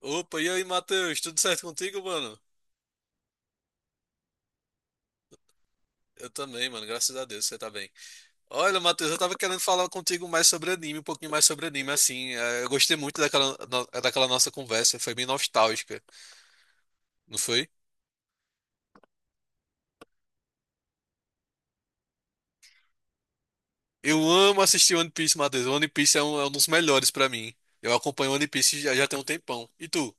Opa, e aí, Matheus? Tudo certo contigo, mano? Eu também, mano. Graças a Deus, você tá bem. Olha, Matheus, eu tava querendo falar contigo mais sobre anime, um pouquinho mais sobre anime, assim. Eu gostei muito daquela, no- daquela nossa conversa, foi bem nostálgica, não foi? Eu amo assistir One Piece, Matheus. One Piece é um dos melhores pra mim. Eu acompanho One Piece já tem um tempão. E tu?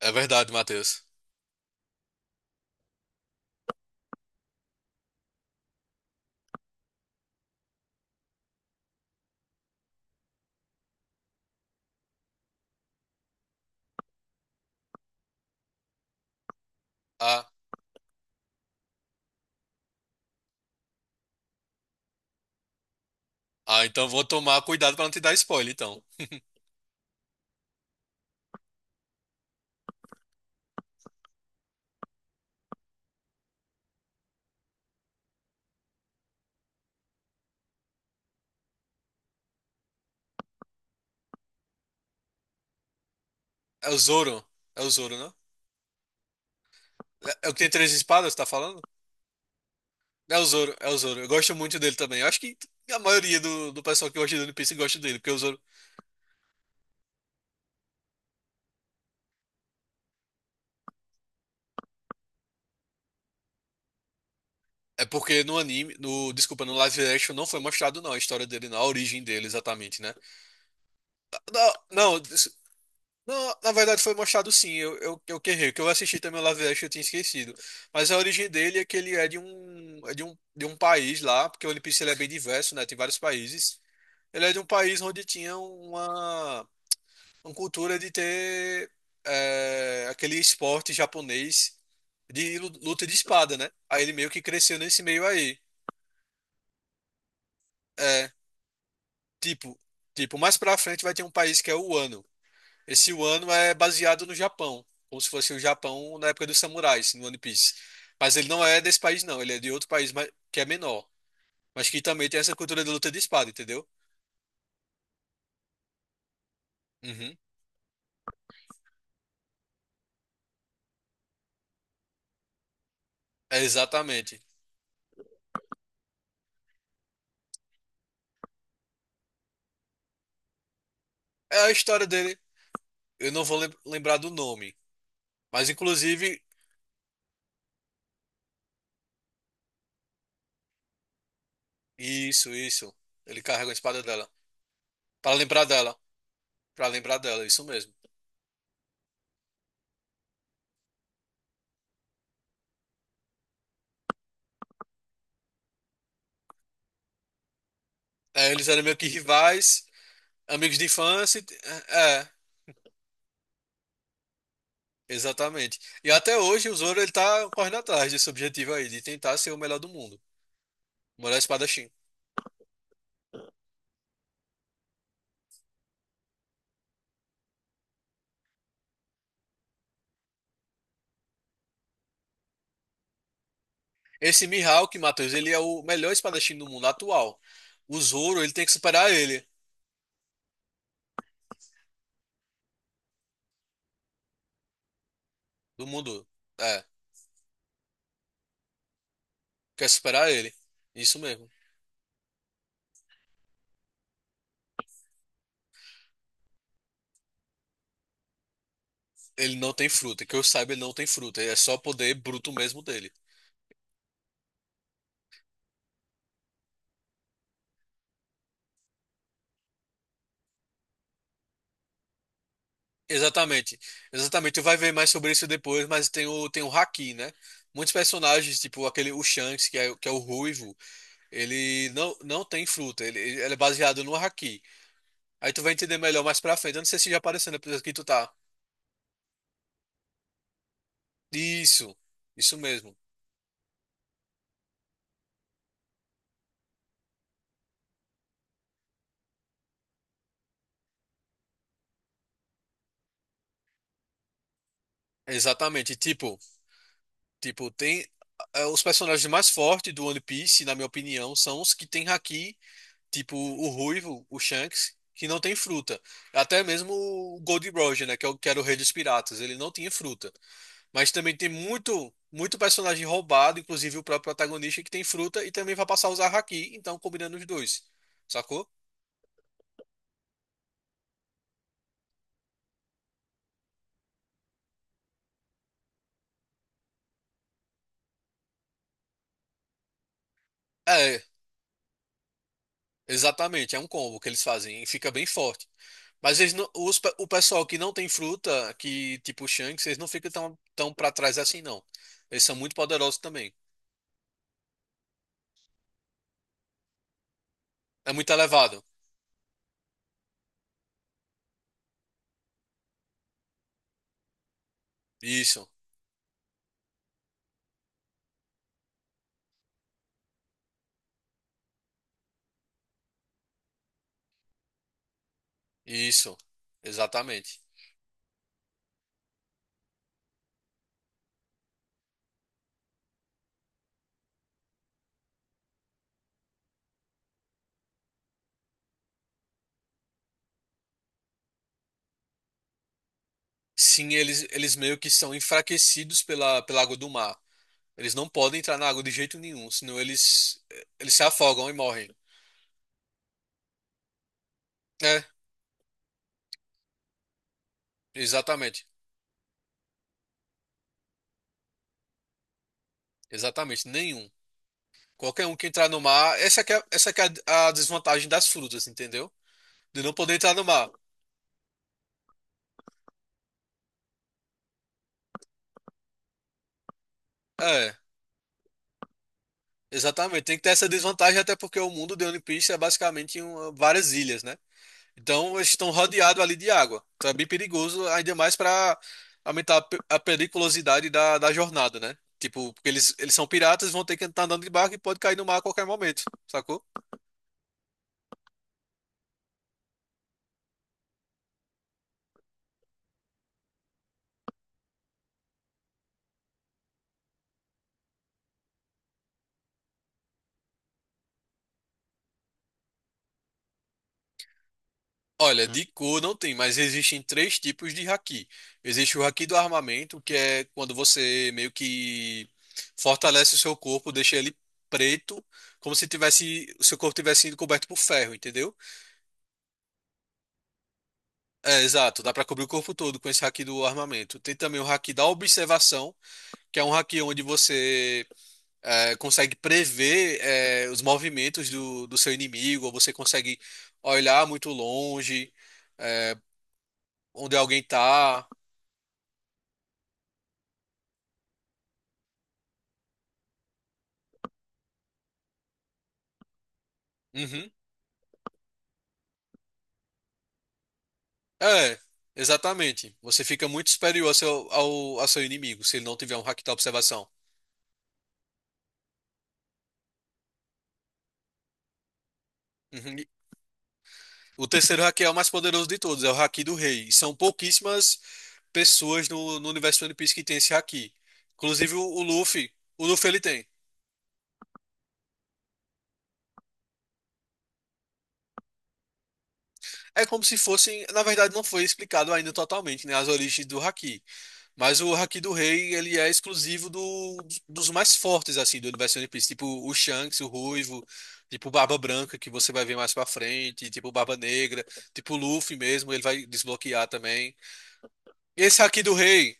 É verdade, Matheus. Ah, ah, então vou tomar cuidado pra não te dar spoiler, então. É o Zoro. É o Zoro, né? É o que tem três espadas, tá falando? É o Zoro, é o Zoro. Eu gosto muito dele também. Eu acho que a maioria do pessoal que gosta de One Piece gosta dele, porque o Zoro. É porque no desculpa, no live action não foi mostrado não a história dele, não, a origem dele exatamente, né? Não, não, des- não, na verdade foi mostrado sim, eu que errei, que eu assisti também o live action eu tinha esquecido. Mas a origem dele é que ele de um país lá, porque o One Piece ele é bem diverso, né? Tem vários países. Ele é de um país onde tinha uma cultura de ter aquele esporte japonês de luta de espada, né? Aí ele meio que cresceu nesse meio aí. É, tipo, tipo, mais pra frente vai ter um país que é o Wano. Esse Wano é baseado no Japão, como se fosse o Japão na época dos samurais, no One Piece. Mas ele não é desse país, não. Ele é de outro país que é menor, mas que também tem essa cultura de luta de espada, entendeu? Uhum. É exatamente. É a história dele. Eu não vou lembrar do nome. Mas, inclusive, isso, isso. Ele carrega a espada dela. Pra lembrar dela. Pra lembrar dela, isso mesmo. É, eles eram meio que rivais, amigos de infância. E É, é, exatamente. E até hoje o Zoro ele tá correndo atrás desse objetivo aí, de tentar ser o melhor do mundo. O melhor espadachim. Esse Mihawk, Matheus, ele é o melhor espadachim do mundo atual. O Zoro, ele tem que superar ele. Do mundo. É, quer superar ele. Isso mesmo. Ele não tem fruta. Que eu saiba, ele não tem fruta. É só poder bruto mesmo dele. Exatamente, exatamente. Tu vai ver mais sobre isso depois, mas tem o Haki, né? Muitos personagens, tipo aquele o Shanks, que é o ruivo, ele não tem fruta, ele é baseado no Haki. Aí tu vai entender melhor mais pra frente. Eu não sei se já apareceu na episódio que tu tá. Isso, isso mesmo. Exatamente. Tipo, tem. Os personagens mais fortes do One Piece, na minha opinião, são os que têm Haki. Tipo o ruivo, o Shanks, que não tem fruta. Até mesmo o Gold Roger, né, que é o, que era o rei dos piratas, ele não tinha fruta. Mas também tem muito personagem roubado, inclusive o próprio protagonista que tem fruta e também vai passar a usar haki, então combinando os dois. Sacou? É, exatamente, é um combo que eles fazem e fica bem forte. Mas eles não- o pessoal que não tem fruta, que tipo o Shanks, eles não ficam tão para trás assim, não. Eles são muito poderosos também. É muito elevado. Isso. Isso, exatamente. Sim, eles meio que são enfraquecidos pela água do mar. Eles não podem entrar na água de jeito nenhum, senão eles se afogam e morrem. É, exatamente. Exatamente, nenhum. Qualquer um que entrar no mar, essa que é a desvantagem das frutas, entendeu? De não poder entrar no mar. É, exatamente. Tem que ter essa desvantagem até porque o mundo de One Piece é basicamente várias ilhas, né? Então, eles estão rodeados ali de água. Então, é bem perigoso, ainda mais para aumentar a a periculosidade da jornada, né? Tipo, porque eles são piratas, vão ter que estar andando de barco e pode cair no mar a qualquer momento, sacou? Olha, de cor não tem, mas existem três tipos de haki. Existe o haki do armamento, que é quando você meio que fortalece o seu corpo, deixa ele preto, como se tivesse, o seu corpo tivesse sido coberto por ferro, entendeu? É, exato, dá pra cobrir o corpo todo com esse haki do armamento. Tem também o haki da observação, que é um haki onde consegue prever os movimentos do seu inimigo, ou você consegue olhar muito longe, é, onde alguém tá. Uhum. É, exatamente. Você fica muito superior ao seu, ao seu inimigo se ele não tiver um hack da observação. Uhum. E o terceiro hack é o mais poderoso de todos, é o hack do rei. E são pouquíssimas pessoas no universo de One Piece que tem esse hack. Inclusive o Luffy. O Luffy ele tem. É como se fossem. Na verdade, não foi explicado ainda totalmente, né, as origens do hack. Mas o Haki do Rei, ele é exclusivo dos mais fortes, assim, do universo One Piece. Tipo o Shanks, o Ruivo, tipo o Barba Branca, que você vai ver mais pra frente, tipo o Barba Negra, tipo o Luffy mesmo, ele vai desbloquear também. Esse Haki do Rei,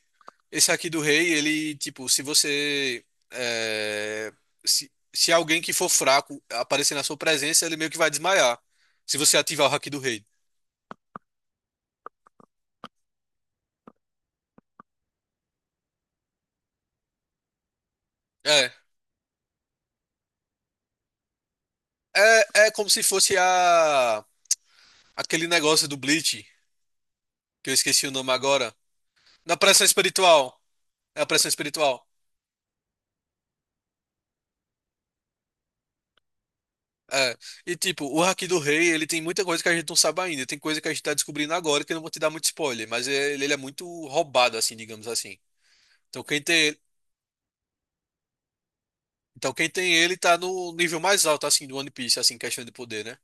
esse Haki do Rei, ele, tipo, se você... é, se, se alguém que for fraco aparecer na sua presença, ele meio que vai desmaiar. Se você ativar o Haki do Rei. É, é como se fosse a, aquele negócio do Bleach, que eu esqueci o nome agora. Na pressão espiritual. É a pressão espiritual. É. E tipo, o Haki do Rei, ele tem muita coisa que a gente não sabe ainda. Tem coisa que a gente tá descobrindo agora que eu não vou te dar muito spoiler, mas é, ele é muito roubado, assim, digamos assim. Então quem tem, então quem tem ele tá no nível mais alto, assim, do One Piece, assim, questão de poder, né?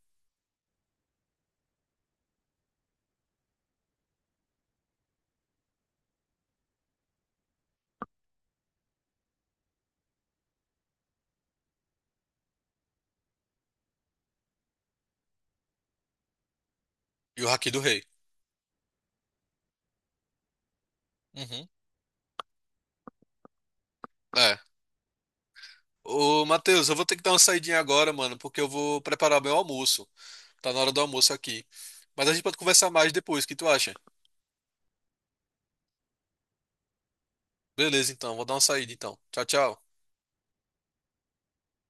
E o Haki do Rei. Uhum. É. Ô, Matheus, eu vou ter que dar uma saidinha agora, mano, porque eu vou preparar meu almoço. Tá na hora do almoço aqui. Mas a gente pode conversar mais depois, o que tu acha? Beleza, então, vou dar uma saída então. Tchau, tchau.